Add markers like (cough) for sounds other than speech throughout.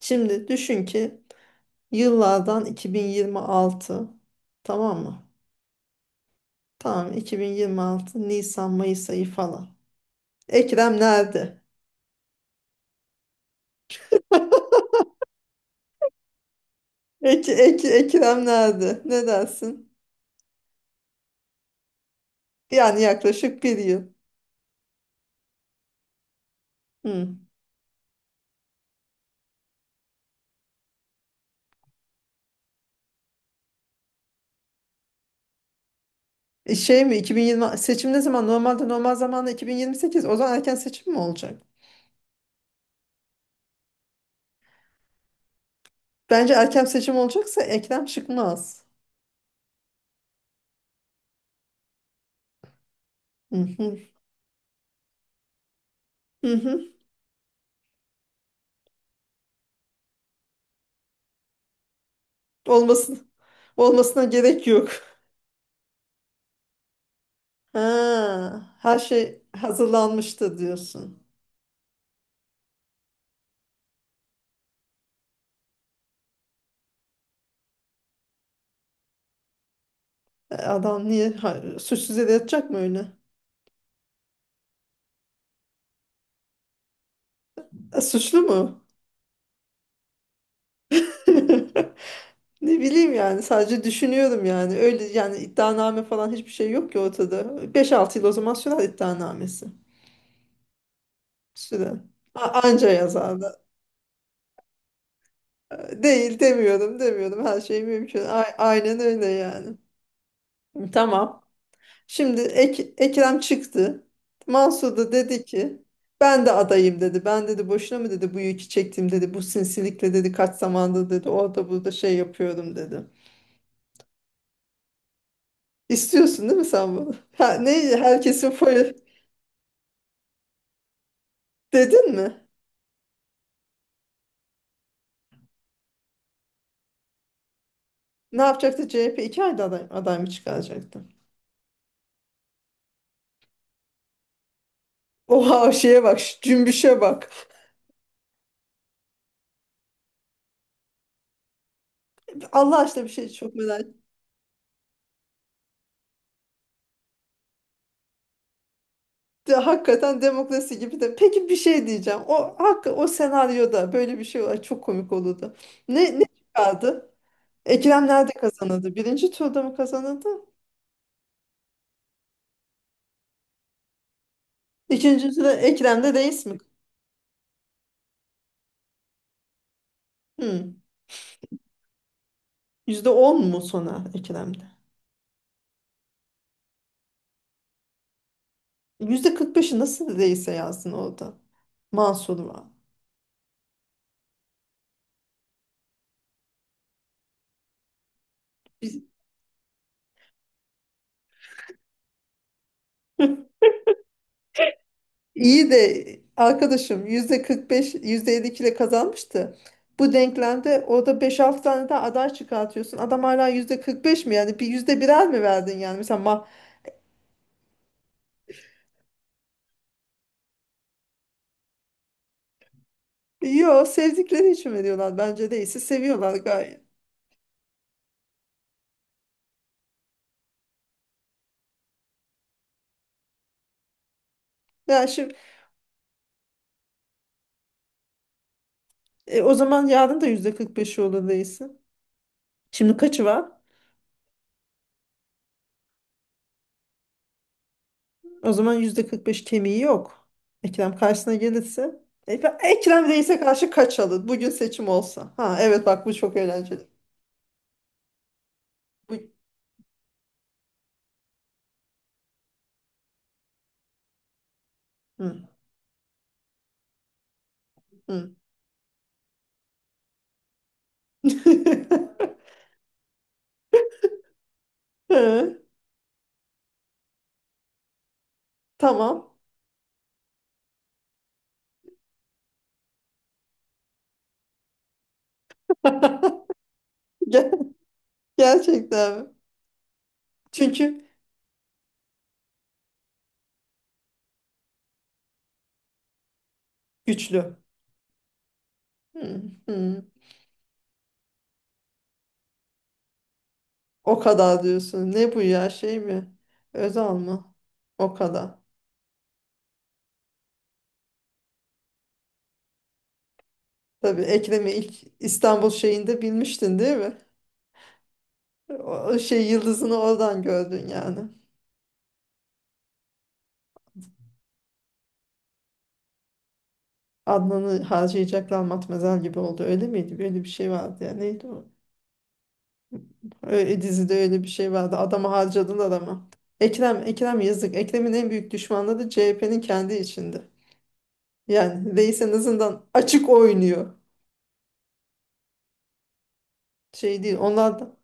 Şimdi düşün ki yıllardan 2026, tamam mı? Tamam, 2026 Nisan Mayıs ayı falan. Ekrem nerede? (laughs) Ekrem nerede? Ne dersin? Yani yaklaşık bir yıl. Hı. Şey mi 2020 seçim ne zaman? Normalde normal zamanda 2028. O zaman erken seçim mi olacak? Bence erken seçim olacaksa Ekrem çıkmaz. Hı hı. Hı hı. Olmasın. Olmasına gerek yok. Ha, her şey hazırlanmıştı diyorsun. Adam niye suçsuz yere yatacak mı öyle? Suçlu mu? (laughs) Ne bileyim yani, sadece düşünüyorum yani. Öyle yani, iddianame falan hiçbir şey yok ki ortada. 5-6 yıl o zaman sürer iddianamesi. Süre. Anca yazarlar. Değil demiyorum, her şey mümkün. Aynen öyle yani. Tamam. Şimdi Ekrem çıktı. Mansur da dedi ki ben de adayım dedi. Ben dedi boşuna mı dedi bu yükü çektim dedi. Bu sinsilikle dedi kaç zamandır dedi orada burada şey yapıyorum dedi. İstiyorsun değil mi sen bunu? Ha, ne herkesin foyu dedin mi? Ne yapacaktı CHP? 2 ayda aday mı çıkaracaktı? Oha, şeye bak, şu cümbüşe bak. Allah aşkına bir şey çok merak de, hakikaten demokrasi gibi de. Peki bir şey diyeceğim. O hak o senaryoda böyle bir şey var. Çok komik olurdu. Ne çıkardı? Ekrem nerede kazanıldı? Birinci turda mı kazanıldı? İkinci turda Ekrem'de reis mi? Hmm. %10 mu sona Ekrem'de? %45'i nasıl reise yazdın orada? Mansur var. Biz... (laughs) İyi de arkadaşım, %45, yüzde 52 ile kazanmıştı. Bu denklemde orada 5-6 tane daha aday çıkartıyorsun. Adam hala %45 mi yani? Bir yüzde birer mi verdin yani? Mesela. Yo, sevdikleri için veriyorlar bence, değilse seviyorlar gayet. Ya şimdi o zaman yarın da %45'i olur değilse. Şimdi kaçı var? O zaman %45 kemiği yok. Ekrem karşısına gelirse. E, Ekrem Reis'e karşı kaç alır? Bugün seçim olsa. Ha evet, bak bu çok eğlenceli. Bu... Hı. Hı. (laughs) Hı. Tamam. (laughs) Ger- Gerçekten mi? Çünkü güçlü. Hı, hı. O kadar diyorsun. Ne bu ya, şey mi? Özal mı? O kadar. Tabii Ekrem'i ilk İstanbul şeyinde bilmiştin değil mi? O şey yıldızını oradan gördün yani. Adnan'ı harcayacaklar matmazel gibi oldu. Öyle miydi? Böyle bir şey vardı ya. Neydi o? Öyle, dizide öyle bir şey vardı. Adamı harcadın adama. Ekrem, Ekrem yazık. Ekrem'in en büyük düşmanları CHP'nin kendi içinde. Yani reis en azından açık oynuyor. Şey değil. Onlar da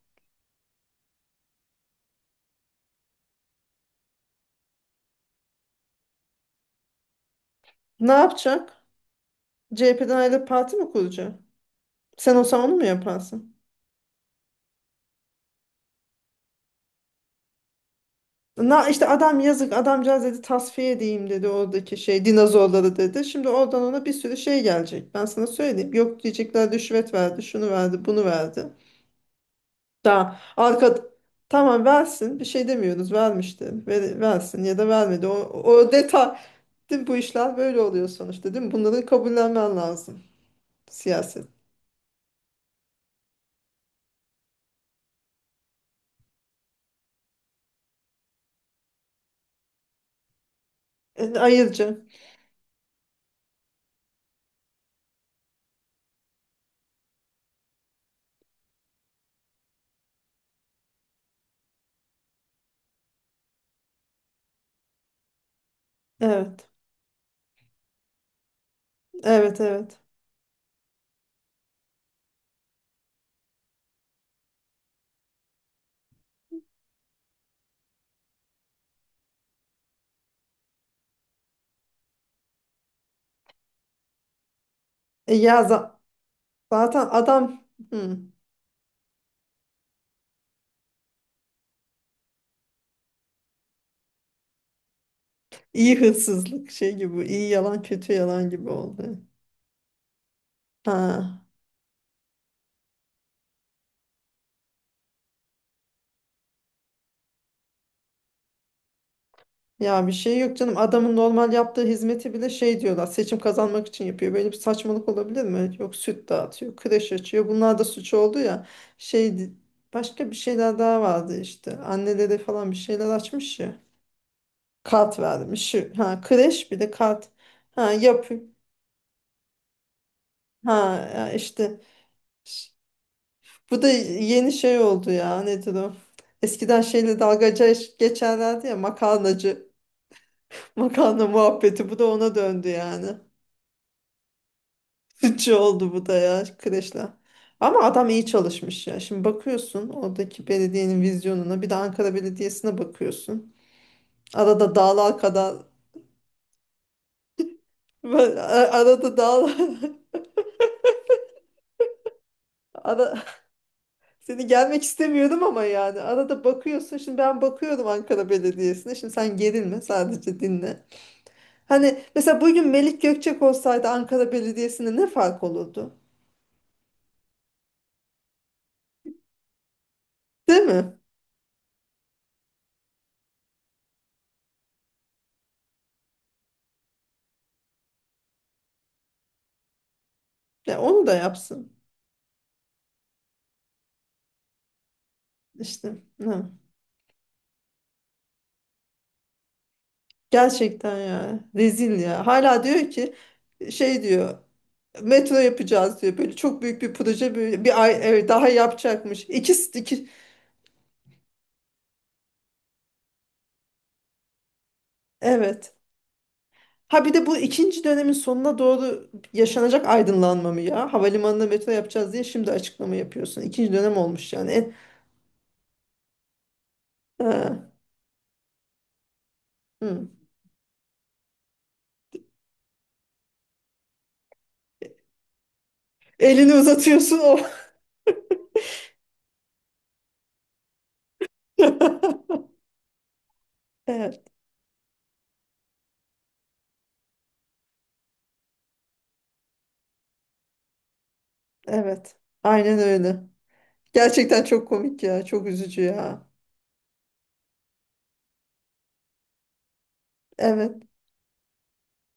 ne yapacak? CHP'den ayrılıp parti mi kuracak? Sen olsan onu mu yaparsın? Na, işte adam yazık adamcağız dedi, tasfiye edeyim dedi oradaki şey dinozorları dedi. Şimdi oradan ona bir sürü şey gelecek. Ben sana söyleyeyim. Yok diyecekler, rüşvet verdi, şunu verdi, bunu verdi. Tamam. Tamam versin. Bir şey demiyoruz. Vermişti. Versin ya da vermedi. O detay. Değil mi? Bu işler böyle oluyor sonuçta değil mi? Bunları kabullenmen lazım. Siyaset. Ayırıcı. Evet. Evet evet. Ya zaten adam, hı, iyi hırsızlık şey gibi. İyi yalan kötü yalan gibi oldu. Ha. Ya bir şey yok canım. Adamın normal yaptığı hizmeti bile şey diyorlar. Seçim kazanmak için yapıyor. Böyle bir saçmalık olabilir mi? Yok, süt dağıtıyor, kreş açıyor. Bunlar da suç oldu ya. Şey başka bir şeyler daha vardı işte. Annelere falan bir şeyler açmış ya. Kart vermiş. Ha, kreş bir de kart. Ha yapıyor. Ha ya işte bu da yeni şey oldu ya. Nedir o? Eskiden şeyle dalgaca geçerlerdi ya, makarnacı. (laughs) Makarna muhabbeti bu da ona döndü yani. Sıkıcı oldu bu da ya, kreşle. Ama adam iyi çalışmış ya. Şimdi bakıyorsun oradaki belediyenin vizyonuna, bir de Ankara Belediyesi'ne bakıyorsun. Arada dağlar kadar. Arada dağlar. (laughs) ara, Seni gelmek istemiyordum ama yani arada bakıyorsun, şimdi ben bakıyorum Ankara Belediyesi'ne, şimdi sen gerilme, sadece dinle. Hani mesela bugün Melik Gökçek olsaydı Ankara Belediyesi'ne ne fark olurdu? Değil mi? Ya onu da yapsın işte. Ne? Gerçekten ya, rezil ya. Hala diyor ki şey diyor, metro yapacağız diyor. Böyle çok büyük bir proje, böyle bir ay evet, daha yapacakmış. İkisi iki evet. Ha, bir de bu ikinci dönemin sonuna doğru yaşanacak aydınlanma mı ya? Havalimanına metro yapacağız diye şimdi açıklama yapıyorsun. İkinci dönem olmuş yani. Ha, hı. Elini uzatıyorsun o. (laughs) Evet, evet. Aynen öyle. Gerçekten çok komik ya. Çok üzücü ya. Evet.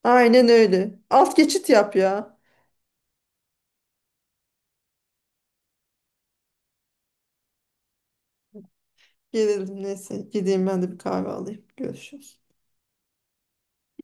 Aynen öyle. Alt geçit yap ya. Gerildim neyse. Gideyim ben de bir kahve alayım. Görüşürüz.